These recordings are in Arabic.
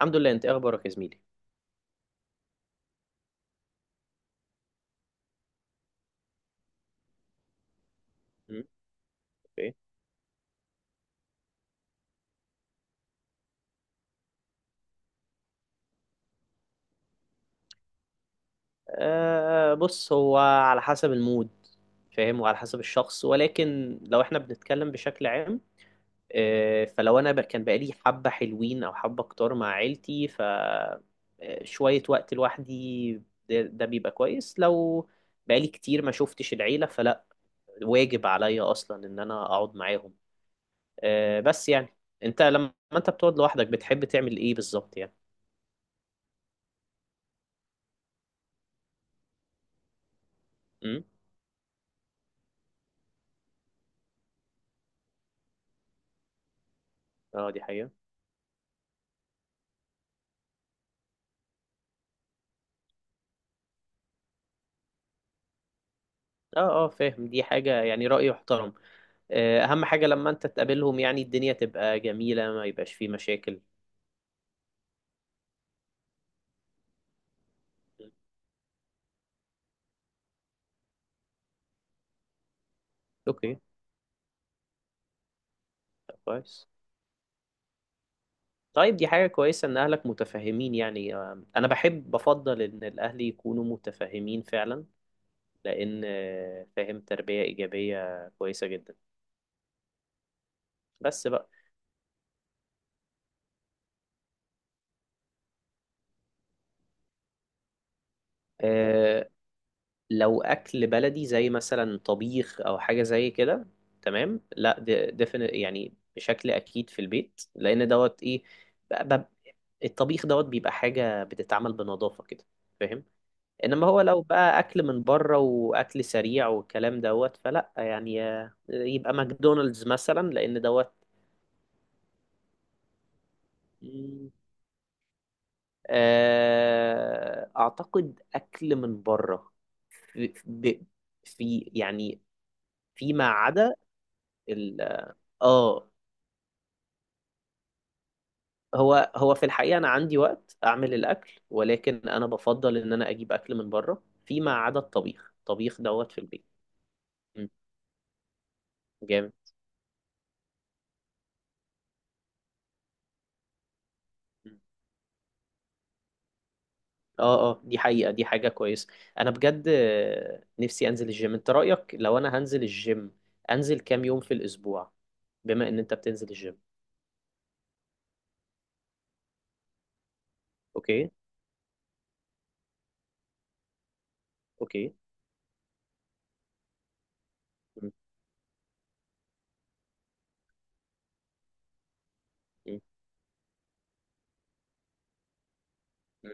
الحمد لله. انت ايه اخبارك يا زميلي؟ مم، اوكي. بص، هو على حسب المود، فاهم، وعلى حسب الشخص. ولكن لو احنا بنتكلم بشكل عام، فلو انا كان بقالي حبة حلوين او حبة كتار مع عيلتي، ف شوية وقت لوحدي ده بيبقى كويس. لو بقالي كتير ما شفتش العيلة، فلا، واجب عليا اصلا ان انا اقعد معاهم. بس يعني، انت لما انت بتقعد لوحدك بتحب تعمل ايه بالظبط يعني؟ امم. اه، دي حقيقة. اه، اه، فاهم، دي حاجة يعني رأي يحترم. أهم حاجة لما أنت تقابلهم يعني الدنيا تبقى جميلة، ما يبقاش فيه مشاكل. أوكي، كويس. طيب، دي حاجة كويسة إن أهلك متفهمين يعني. أنا بحب بفضل إن الأهل يكونوا متفهمين فعلا، لأن فاهم، تربية إيجابية كويسة جدا. بس بقى آه، لو اكل بلدي زي مثلا طبيخ او حاجه زي كده، تمام. لا، دفن يعني بشكل اكيد في البيت، لان دوت ايه ب- ب- الطبيخ دوت بيبقى حاجه بتتعمل بنظافه كده، فاهم. انما هو لو بقى اكل من بره واكل سريع والكلام دوت، فلا يعني، يبقى ماكدونالدز مثلا لان دوت. اعتقد اكل من بره في, ب- في يعني فيما عدا. اه، هو في الحقيقة أنا عندي وقت أعمل الأكل، ولكن أنا بفضل إن أنا أجيب أكل من بره فيما عدا الطبيخ. الطبيخ دوت في البيت. مم. جامد. مم. اه، اه، دي حقيقة، دي حاجة كويسة. أنا بجد نفسي أنزل الجيم. أنت رأيك لو أنا هنزل الجيم، أنزل كام يوم في الأسبوع، بما إن أنت بتنزل الجيم؟ أوكي. أوكي. مم. مم. مم.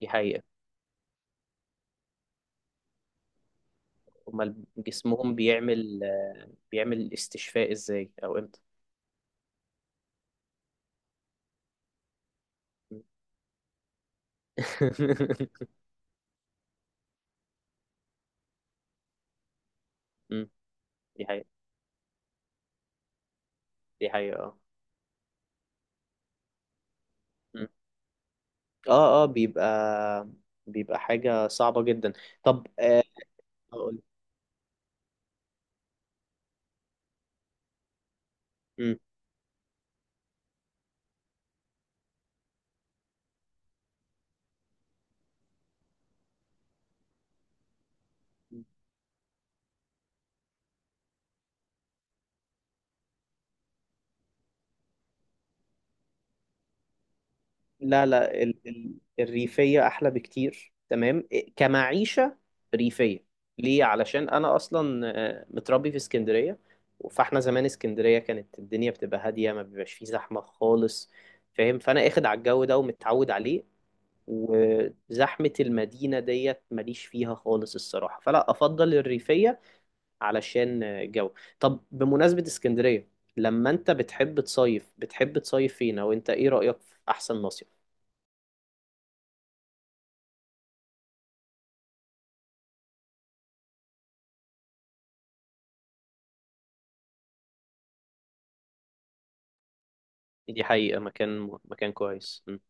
دي حقيقة. أمال جسمهم بيعمل استشفاء إزاي أو إمتى؟ مم. مم. دي حقيقة، دي حقيقة، اه. مم. اه، اه، بيبقى حاجة صعبة جدا. طب أقول- مم. لا، لا، ال ال الريفية أحلى بكتير، تمام إيه، كمعيشة ريفية. ليه؟ علشان أنا أصلا متربي في اسكندرية. فاحنا زمان اسكندرية كانت الدنيا بتبقى هادية، ما بيبقاش فيه زحمة خالص، فاهم. فأنا اخد على الجو ده ومتعود عليه. وزحمة المدينة ديت ماليش فيها خالص الصراحة، فلا، أفضل الريفية علشان الجو. طب بمناسبة اسكندرية، لما انت بتحب تصيف بتحب تصيف فين؟ او انت ايه رأيك في احسن مصيف؟ دي حقيقة، مكان مكان كويس. مم.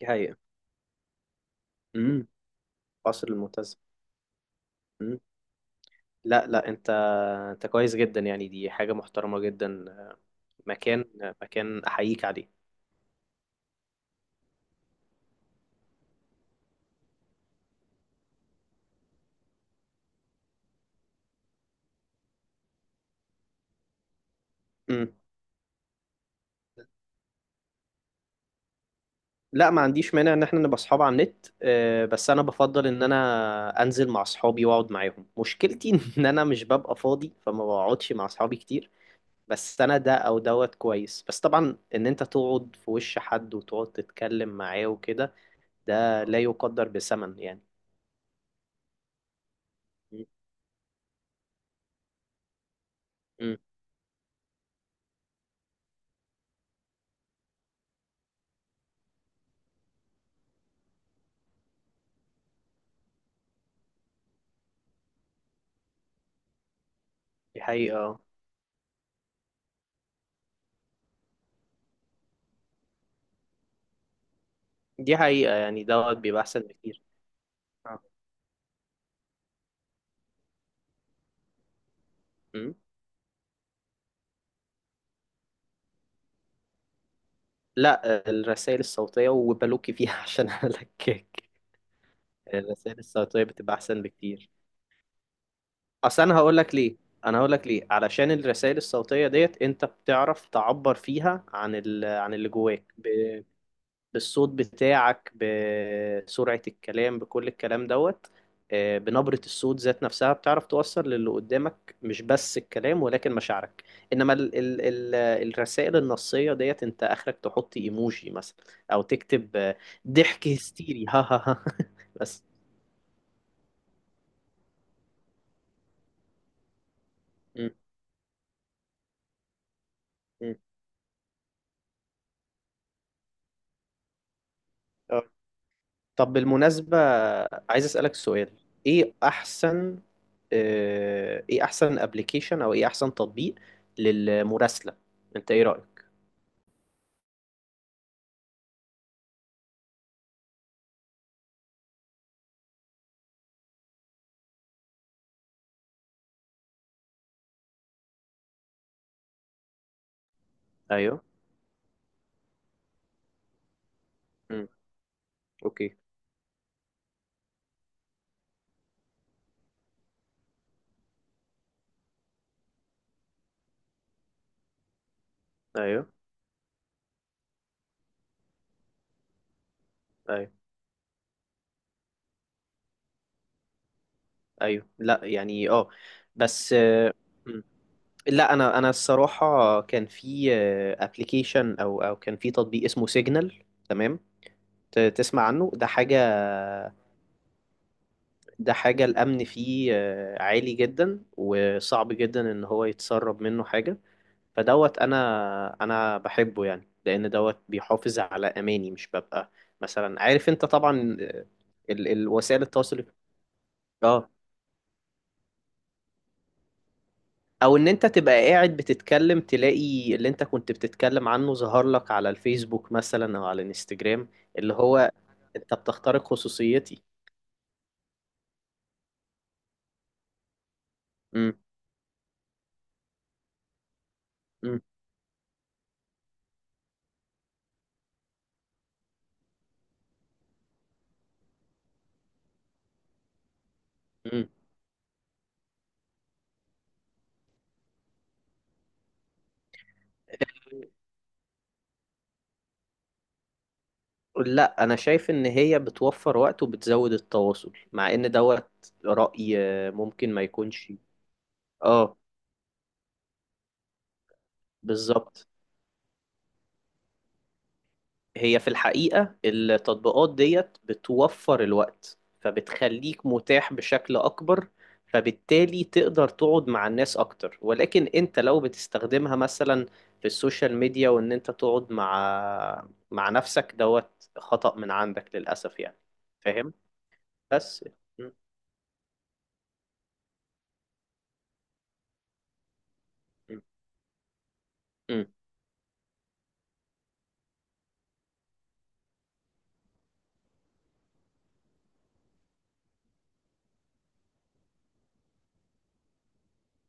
دي حقيقة. امم. قصر المنتزه. مم. لا، لا، انت كويس جدا يعني، دي حاجة محترمة جدا. مكان مكان احييك عليه. مم. لا، ما عنديش مانع ان احنا نبقى اصحاب على النت. بس انا بفضل ان انا انزل مع اصحابي واقعد معاهم. مشكلتي ان انا مش ببقى فاضي فما بقعدش مع اصحابي كتير. بس انا ده او دوت كويس، بس طبعا ان انت تقعد في وش حد وتقعد تتكلم معاه وكده، ده لا يقدر بثمن يعني. امم، دي حقيقة. آه. دي حقيقة، يعني دوت بيبقى احسن بكتير. آه. امم. لا، الرسائل الصوتية وبلوكي فيها عشان هلكك. الرسائل الصوتية بتبقى احسن بكتير. اصل انا هقول لك ليه، انا هقول لك ليه علشان الرسائل الصوتية ديت انت بتعرف تعبر فيها عن عن اللي جواك بالصوت بتاعك، بسرعة الكلام، بكل الكلام دوت. بنبرة الصوت ذات نفسها بتعرف توصل للي قدامك مش بس الكلام ولكن مشاعرك. انما ال ال ال الرسائل النصية ديت انت اخرك تحط ايموجي مثلا، او تكتب ضحك هستيري، ها ها ها. بس م- م. آه. طب بالمناسبة، عايز اسألك سؤال. ايه احسن ايه احسن ابلكيشن او ايه احسن تطبيق للمراسلة؟ انت ايه رأيك؟ ايوه. امم. اوكي. ايوه، ايوه، ايوه. لا يعني، اه. بس مم. لا، انا الصراحه كان في ابلكيشن او كان في تطبيق اسمه سيجنال، تمام. تسمع عنه، ده حاجه؟ ده حاجه الامن فيه عالي جدا، وصعب جدا ان هو يتسرب منه حاجه. فدوت انا بحبه يعني، لان دوت بيحافظ على اماني. مش ببقى مثلا، عارف انت طبعا وسائل التواصل. اه. او ان انت تبقى قاعد بتتكلم تلاقي اللي انت كنت بتتكلم عنه ظهر لك على الفيسبوك مثلا او على الانستجرام. اللي هو انت بتخترق خصوصيتي. مم. مم. مم. لا، انا شايف ان هي بتوفر وقت وبتزود التواصل، مع ان دوت رأي ممكن ما يكونش. اه، بالظبط. هي في الحقيقة التطبيقات ديت بتوفر الوقت فبتخليك متاح بشكل أكبر، فبالتالي تقدر تقعد مع الناس أكتر. ولكن أنت لو بتستخدمها مثلا في السوشيال ميديا، وإن أنت تقعد مع نفسك، دوت خطأ من عندك للأسف يعني، فاهم؟ بس م- م- م.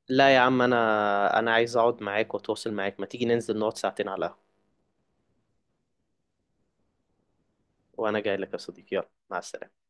لا يا عم، أنا عايز أقعد معاك وأتواصل معاك. ما تيجي ننزل نقعد ساعتين على القهوة؟ وأنا جاي لك يا صديقي، يلا، مع السلامة.